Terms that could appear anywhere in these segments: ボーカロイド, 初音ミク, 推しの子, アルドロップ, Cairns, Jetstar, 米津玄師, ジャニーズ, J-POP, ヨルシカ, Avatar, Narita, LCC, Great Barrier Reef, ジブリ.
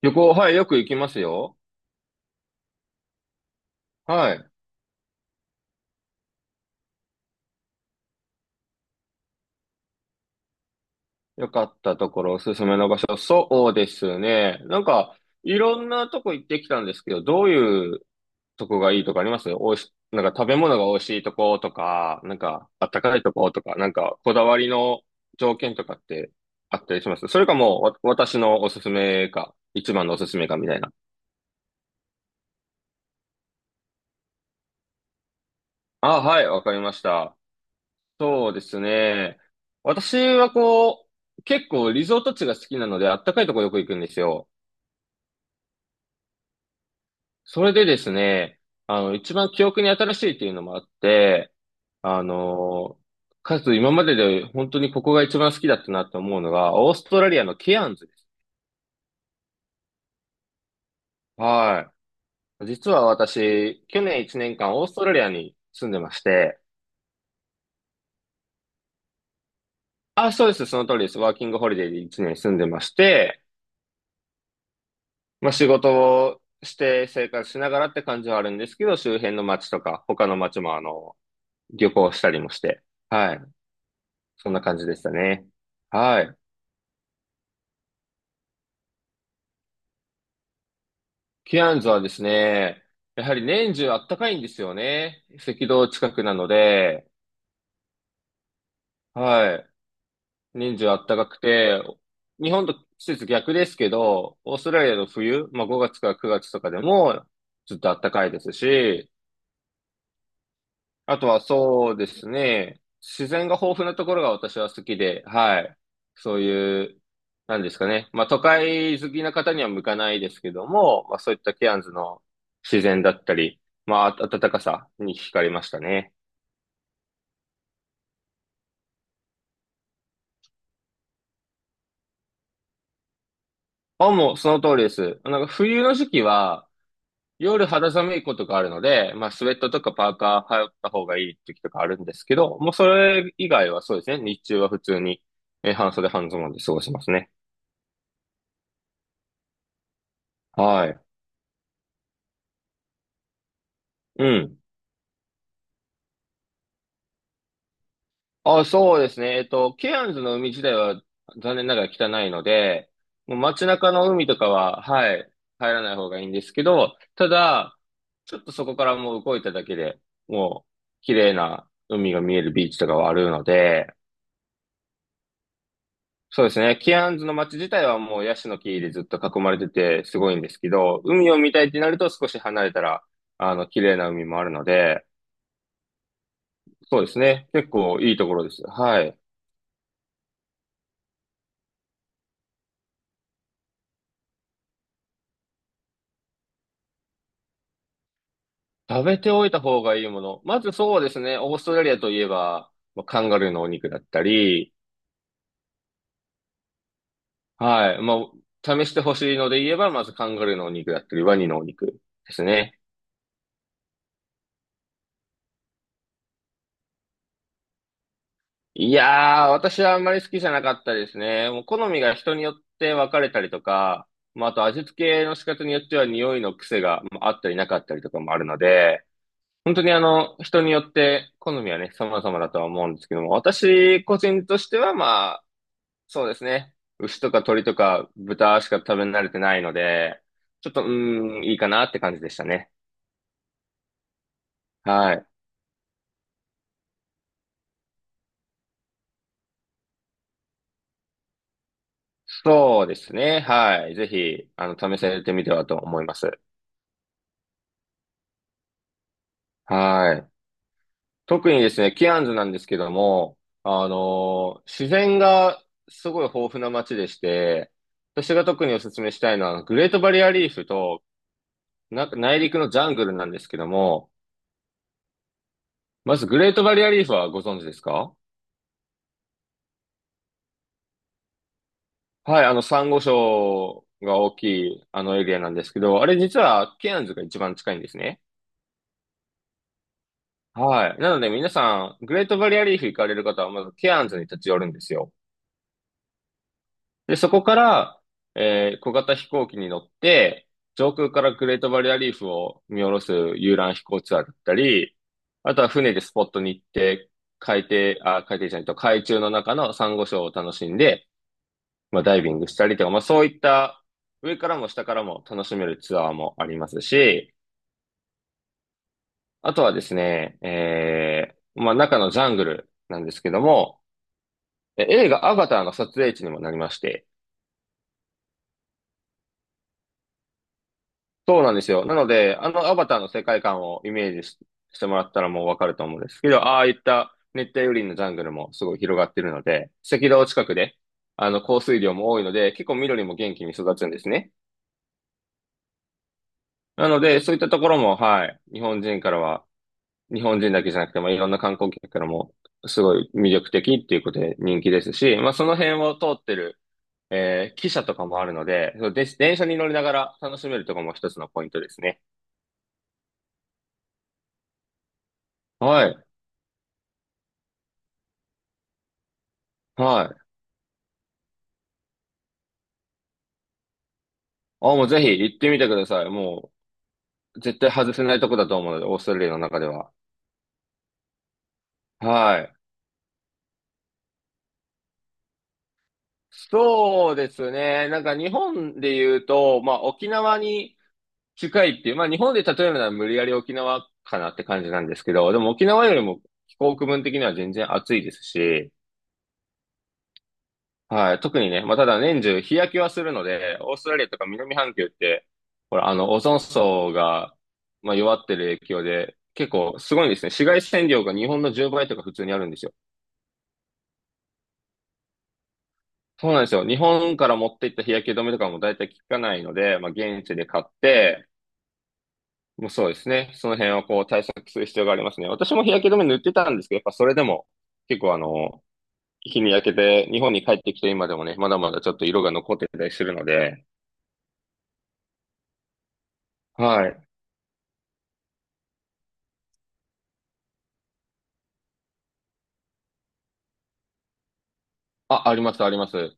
旅行、はい、よく行きますよ。はい。よかったところ、おすすめの場所。そうですね。なんか、いろんなとこ行ってきたんですけど、どういうとこがいいとかありますおいし、なんか食べ物が美味しいとことか、なんか、あったかいとことか、なんか、こだわりの条件とかってあったりしますそれかもう、私のおすすめか、一番のおすすめかみたいな。あ、はい、わかりました。そうですね。私はこう、結構リゾート地が好きなので、あったかいとこよく行くんですよ。それでですね、あの、一番記憶に新しいっていうのもあって、あの、かつ今までで本当にここが一番好きだったなって思うのが、オーストラリアのケアンズです。はい。実は私、去年1年間オーストラリアに住んでまして、あ、そうです、その通りです。ワーキングホリデーで1年住んでまして、まあ仕事をして生活しながらって感じはあるんですけど、周辺の街とか、他の街も旅行したりもして、はい。そんな感じでしたね。はい。キアンズはですね、やはり年中あったかいんですよね。赤道近くなので、はい。年中あったかくて、日本と季節逆ですけど、オーストラリアの冬、まあ5月から9月とかでもずっとあったかいですし、あとはそうですね。自然が豊富なところが私は好きで、はい。そういう、なんですかね。まあ都会好きな方には向かないですけども、まあそういったケアンズの自然だったり、まあ暖かさに惹かれましたね。あ、もうその通りです。なんか冬の時期は夜肌寒いことがあるので、まあスウェットとかパーカー羽織った方がいい時とかあるんですけど、もうそれ以外はそうですね。日中は普通に半袖半ズボンで過ごしますね。はい。うん。あ、そうですね。ケアンズの海自体は残念ながら汚いので、もう街中の海とかは、はい、入らない方がいいんですけど、ただ、ちょっとそこからもう動いただけで、もう綺麗な海が見えるビーチとかはあるので、そうですね。ケアンズの街自体はもうヤシの木でずっと囲まれててすごいんですけど、海を見たいってなると少し離れたら、あの、綺麗な海もあるので、そうですね。結構いいところです。はい。食べておいた方がいいもの。まずそうですね。オーストラリアといえば、まあカンガルーのお肉だったり、はい。まあ、試してほしいので言えば、まずカンガルーのお肉だったり、ワニのお肉ですね。いやー、私はあんまり好きじゃなかったですね。もう好みが人によって分かれたりとか、まあ、あと味付けの仕方によっては匂いの癖がまああったりなかったりとかもあるので、本当に人によって好みはね、様々だとは思うんですけども、私個人としてはまそうですね。牛とか鳥とか豚しか食べ慣れてないので、ちょっと、うーん、いいかなって感じでしたね。はい。そうですね。はい。ぜひ、試されてみてはと思います。はい。特にですね、ケアンズなんですけども、自然がすごい豊富な街でして、私が特にお勧めしたいのは、グレートバリアリーフと、な、内陸のジャングルなんですけども、まずグレートバリアリーフはご存知ですか？はい、サンゴ礁が大きい、あのエリアなんですけど、あれ実はケアンズが一番近いんですね。はい。なので皆さん、グレートバリアリーフ行かれる方はまずケアンズに立ち寄るんですよ。で、そこから、小型飛行機に乗って、上空からグレートバリアリーフを見下ろす遊覧飛行ツアーだったり、あとは船でスポットに行って、海底、あ、海底じゃないと、海中の中のサンゴ礁を楽しんで、まあ、ダイビングしたりとか、まあ、そういった上からも下からも楽しめるツアーもありますし、あとはですね、まあ、中のジャングルなんですけども、映画アバターの撮影地にもなりまして、そうなんですよ。なので、あのアバターの世界観をイメージし、してもらったらもうわかると思うんですけど、ああいった熱帯雨林のジャングルもすごい広がってるので、赤道近くで、あの、降水量も多いので、結構緑も元気に育つんですね。なので、そういったところも、はい、日本人からは、日本人だけじゃなくて、まあ、いろんな観光客からもすごい魅力的っていうことで人気ですし、まあ、その辺を通ってる、汽車とかもあるので、そうで、電車に乗りながら楽しめるとこも一つのポイントですね。はい。はい。あ、もうぜひ行ってみてください。もう絶対外せないとこだと思うので、オーストラリアの中では。はい。そうですね。なんか日本で言うと、まあ沖縄に近いっていう、まあ日本で例えるなら無理やり沖縄かなって感じなんですけど、でも沖縄よりも気候区分的には全然暑いですし、はい、特にね、まあただ年中日焼けはするので、オーストラリアとか南半球って、ほら、オゾン層が、まあ、弱ってる影響で、結構すごいんですね。紫外線量が日本の10倍とか普通にあるんですよ。そうなんですよ。日本から持っていった日焼け止めとかも大体効かないので、まあ現地で買って、もうそうですね。その辺をこう対策する必要がありますね。私も日焼け止め塗ってたんですけど、やっぱそれでも結構日に焼けて日本に帰ってきて今でもね、まだまだちょっと色が残ってたりするので、はい。あ、あります、あります。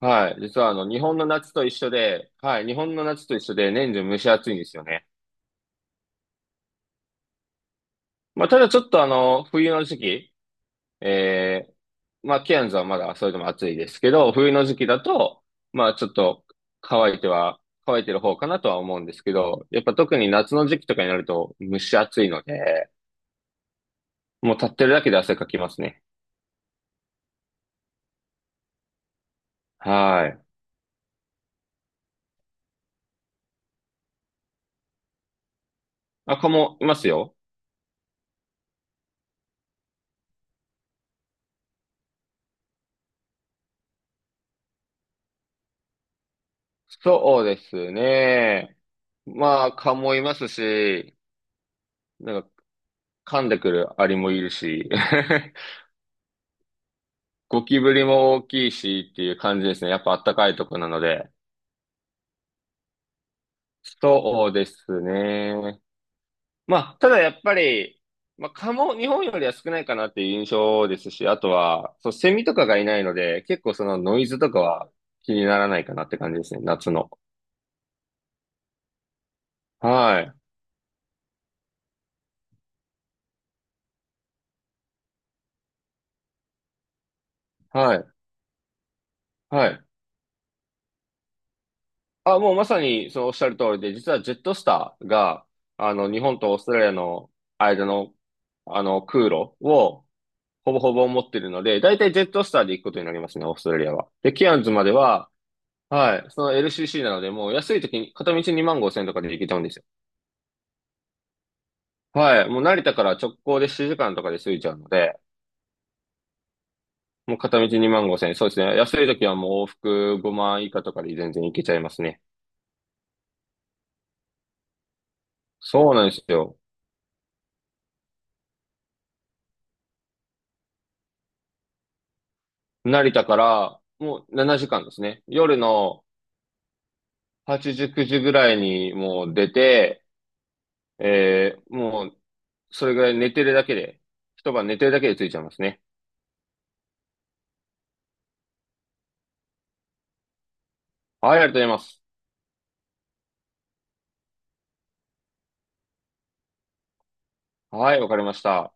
はい。実は日本の夏と一緒で、はい。日本の夏と一緒で年中蒸し暑いんですよね。まあ、ただちょっと冬の時期、えまあ、ケアンズはまだそれでも暑いですけど、冬の時期だと、まあ、ちょっと乾いては、乾いてる方かなとは思うんですけど、やっぱ特に夏の時期とかになると蒸し暑いので、もう立ってるだけで汗かきますね。はい。あ、蚊もいますよ。そうですね。まあ、蚊もいますし、なんか噛んでくるアリもいるし、ゴキブリも大きいしっていう感じですね。やっぱ暖かいとこなので。そうですね。まあ、ただやっぱり、まあ、蚊も日本よりは少ないかなっていう印象ですし、あとは、そう、セミとかがいないので、結構そのノイズとかは気にならないかなって感じですね、夏の。はい、はい、はい。あ、もうまさにそのおっしゃる通りで、実はジェットスターが、日本とオーストラリアの間の、空路を、ほぼほぼ持ってるので、だいたいジェットスターで行くことになりますね、オーストラリアは。で、ケアンズまでは、はい、その LCC なので、もう安い時に、片道2万5千円とかで行けちゃうんですよ？はい。もう成田から直行で7時間とかで着いちゃうので、もう片道2万5 0円。そうですね。安い時はもう往復5万以下とかで全然行けちゃいますね。そうなんですよ。成田からもう7時間ですね。夜の8時、9時ぐらいにもう出て、もうそれぐらい寝てるだけで、一晩寝てるだけで着いちゃいますね。はい、ありがとうございます。はい、わかりました。